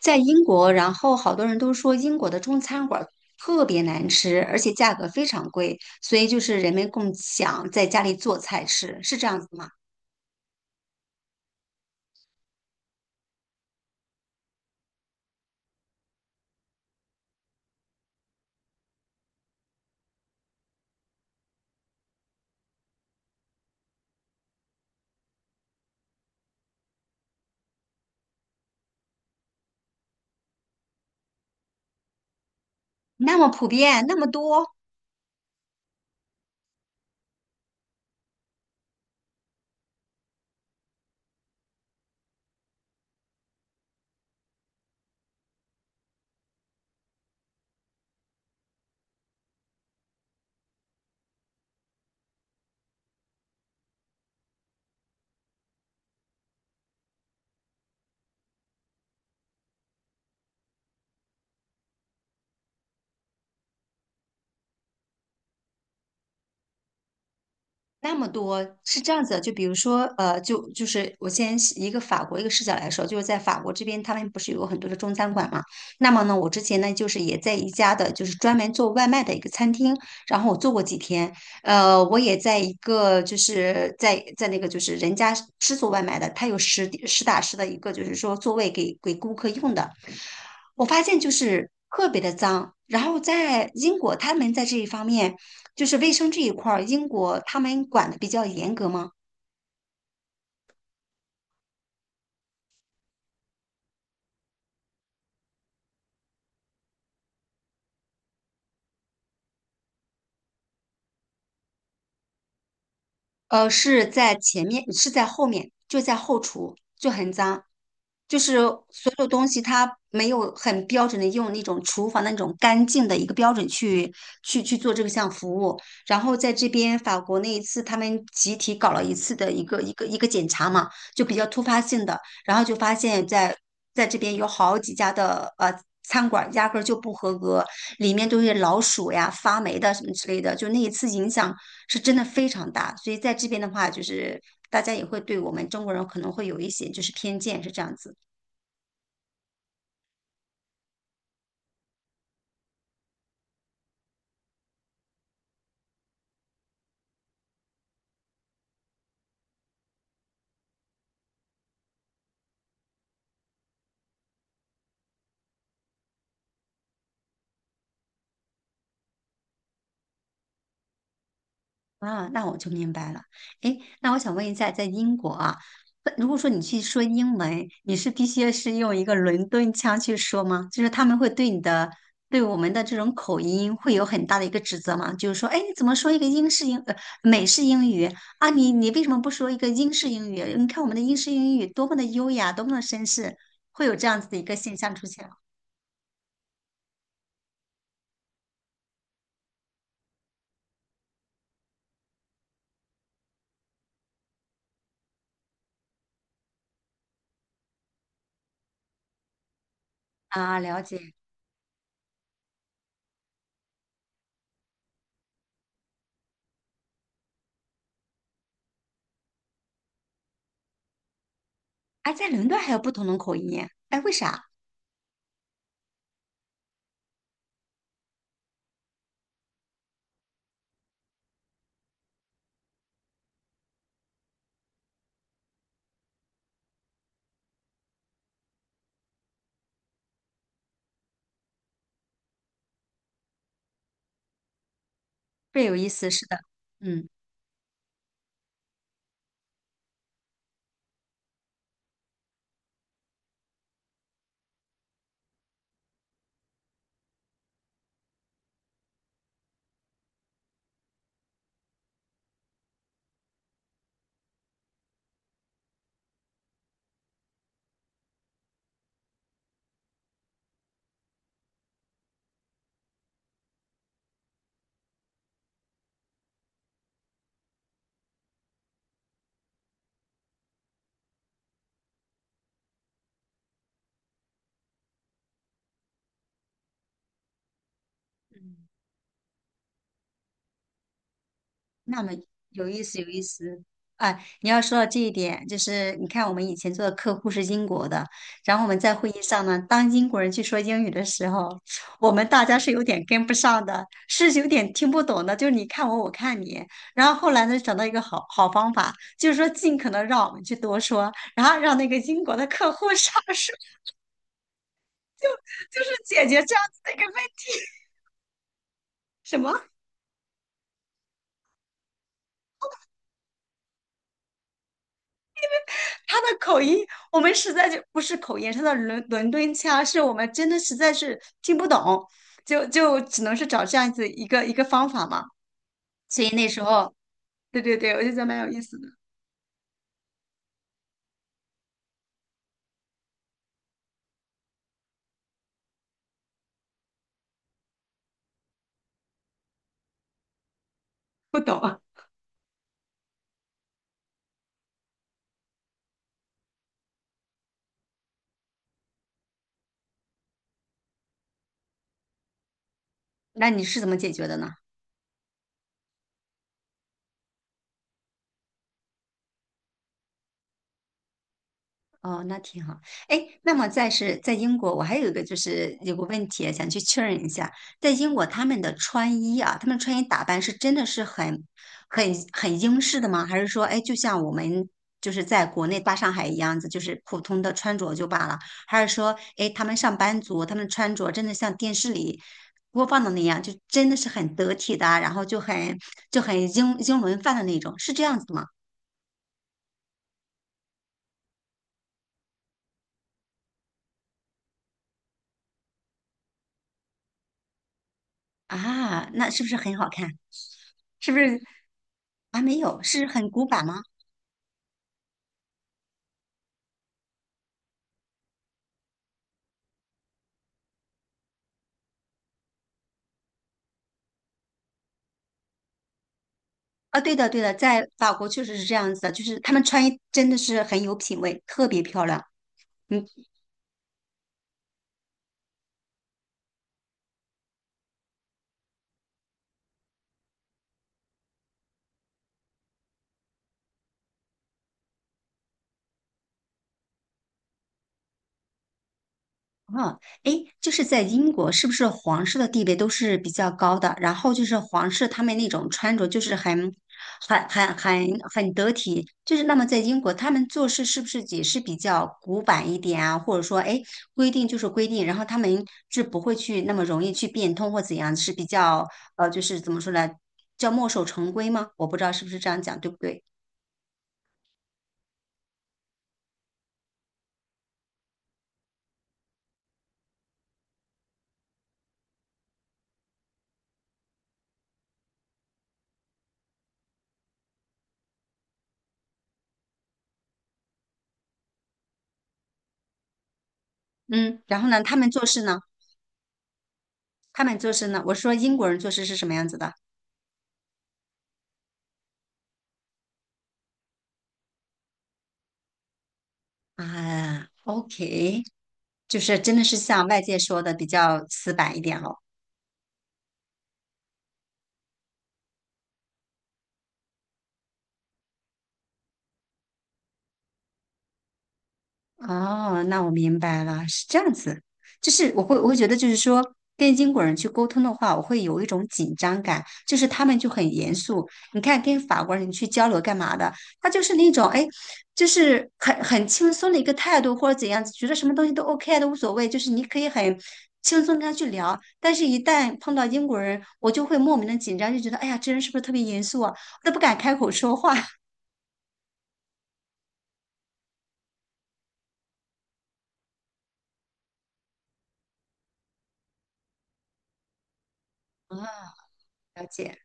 在英国，然后好多人都说英国的中餐馆儿特别难吃，而且价格非常贵，所以就是人们更想在家里做菜吃，是这样子吗？那么普遍，那么多。那么多是这样子的就比如说，就是我先是一个法国一个视角来说，就是在法国这边，他们不是有很多的中餐馆嘛？那么呢，我之前呢就是也在一家的，就是专门做外卖的一个餐厅，然后我做过几天，我也在一个就是在那个就是人家是做外卖的，他有实地实打实的一个就是说座位给顾客用的，我发现就是特别的脏。然后在英国，他们在这一方面，就是卫生这一块儿，英国他们管的比较严格吗？呃，是在前面，是在后面，就在后厨就很脏，就是所有东西它没有很标准的用那种厨房的那种干净的一个标准去做这项服务。然后在这边法国那一次，他们集体搞了一次的一个检查嘛，就比较突发性的。然后就发现在这边有好几家的餐馆压根儿就不合格，里面都是老鼠呀、发霉的什么之类的，就那一次影响是真的非常大。所以在这边的话，就是大家也会对我们中国人可能会有一些就是偏见，是这样子。啊，那我就明白了。诶，那我想问一下，在英国啊，那如果说你去说英文，你是必须是用一个伦敦腔去说吗？就是他们会对你的，对我们的这种口音会有很大的一个指责吗？就是说，诶，你怎么说一个英式英，美式英语啊？你你为什么不说一个英式英语？你看我们的英式英语多么的优雅，多么的绅士，会有这样子的一个现象出现吗？啊，了解。哎，在伦敦还有不同的口音，哎，为啥？这有意思，是的，嗯。那么有意思，有意思。哎，你要说到这一点，就是你看我们以前做的客户是英国的，然后我们在会议上呢，当英国人去说英语的时候，我们大家是有点跟不上的，是有点听不懂的，就是你看我，我看你。然后后来呢，找到一个好好方法，就是说尽可能让我们去多说，然后让那个英国的客户少 说，就是解决这样子的一个问什么？他的口音，我们实在就不是口音，他的伦敦腔是我们真的实在是听不懂，就只能是找这样子一个方法嘛。所以那时候，对对对，我就觉得蛮有意思的，不懂。那你是怎么解决的呢？哦，那挺好。哎，那么再是在英国，我还有一个就是有个问题啊想去确认一下，在英国他们的穿衣啊，他们穿衣打扮是真的是很英式的吗？还是说，哎，就像我们就是在国内大上海一样子，就是普通的穿着就罢了？还是说，哎，他们上班族他们穿着真的像电视里播放的那样，就真的是很得体的啊然后就很英英伦范的那种，是这样子的吗？啊，那是不是很好看？是不是啊，没有，是很古板吗？啊，对的，对的，在法国确实是这样子的，就是他们穿衣真的是很有品味，特别漂亮。嗯。嗯，诶，就是在英国，是不是皇室的地位都是比较高的？然后就是皇室他们那种穿着，就是很得体。就是那么在英国，他们做事是不是也是比较古板一点啊？或者说，诶，规定就是规定，然后他们是不会去那么容易去变通或怎样，是比较就是怎么说呢，叫墨守成规吗？我不知道是不是这样讲，对不对？嗯，然后呢，他们做事呢，他们做事呢，我说英国人做事是什么样子的？啊，OK，就是真的是像外界说的比较死板一点哦。哦，那我明白了，是这样子，就是我会觉得，就是说跟英国人去沟通的话，我会有一种紧张感，就是他们就很严肃。你看，跟法国人去交流干嘛的，他就是那种哎，就是很轻松的一个态度或者怎样子，觉得什么东西都 OK 啊都无所谓，就是你可以很轻松跟他去聊。但是，一旦碰到英国人，我就会莫名的紧张，就觉得哎呀，这人是不是特别严肃啊？我都不敢开口说话。啊，了解。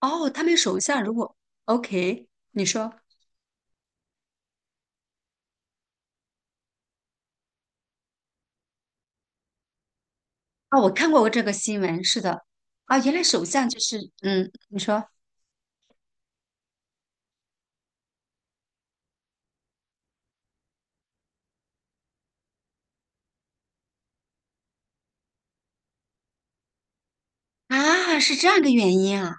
哦，他们首相如果 OK，你说啊，我看过这个新闻，是的，啊，原来首相就是嗯，你说啊，是这样个原因啊。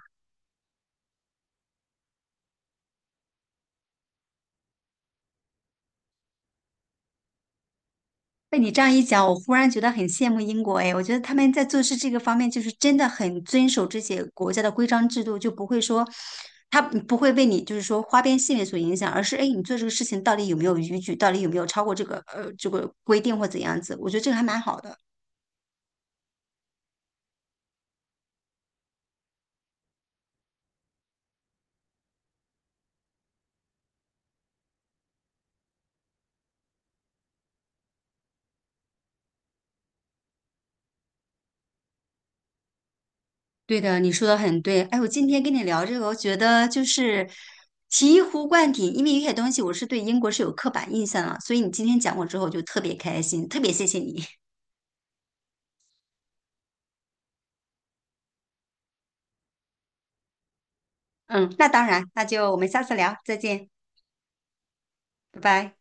被你这样一讲，我忽然觉得很羡慕英国哎，我觉得他们在做事这个方面就是真的很遵守这些国家的规章制度，就不会说他不会被你就是说花边新闻所影响，而是哎，你做这个事情到底有没有逾矩，到底有没有超过这个这个规定或怎样子，我觉得这个还蛮好的。对的，你说的很对。哎，我今天跟你聊这个，我觉得就是醍醐灌顶，因为有些东西我是对英国是有刻板印象了，所以你今天讲过之后，我就特别开心，特别谢谢你。嗯，那当然，那就我们下次聊，再见，拜拜。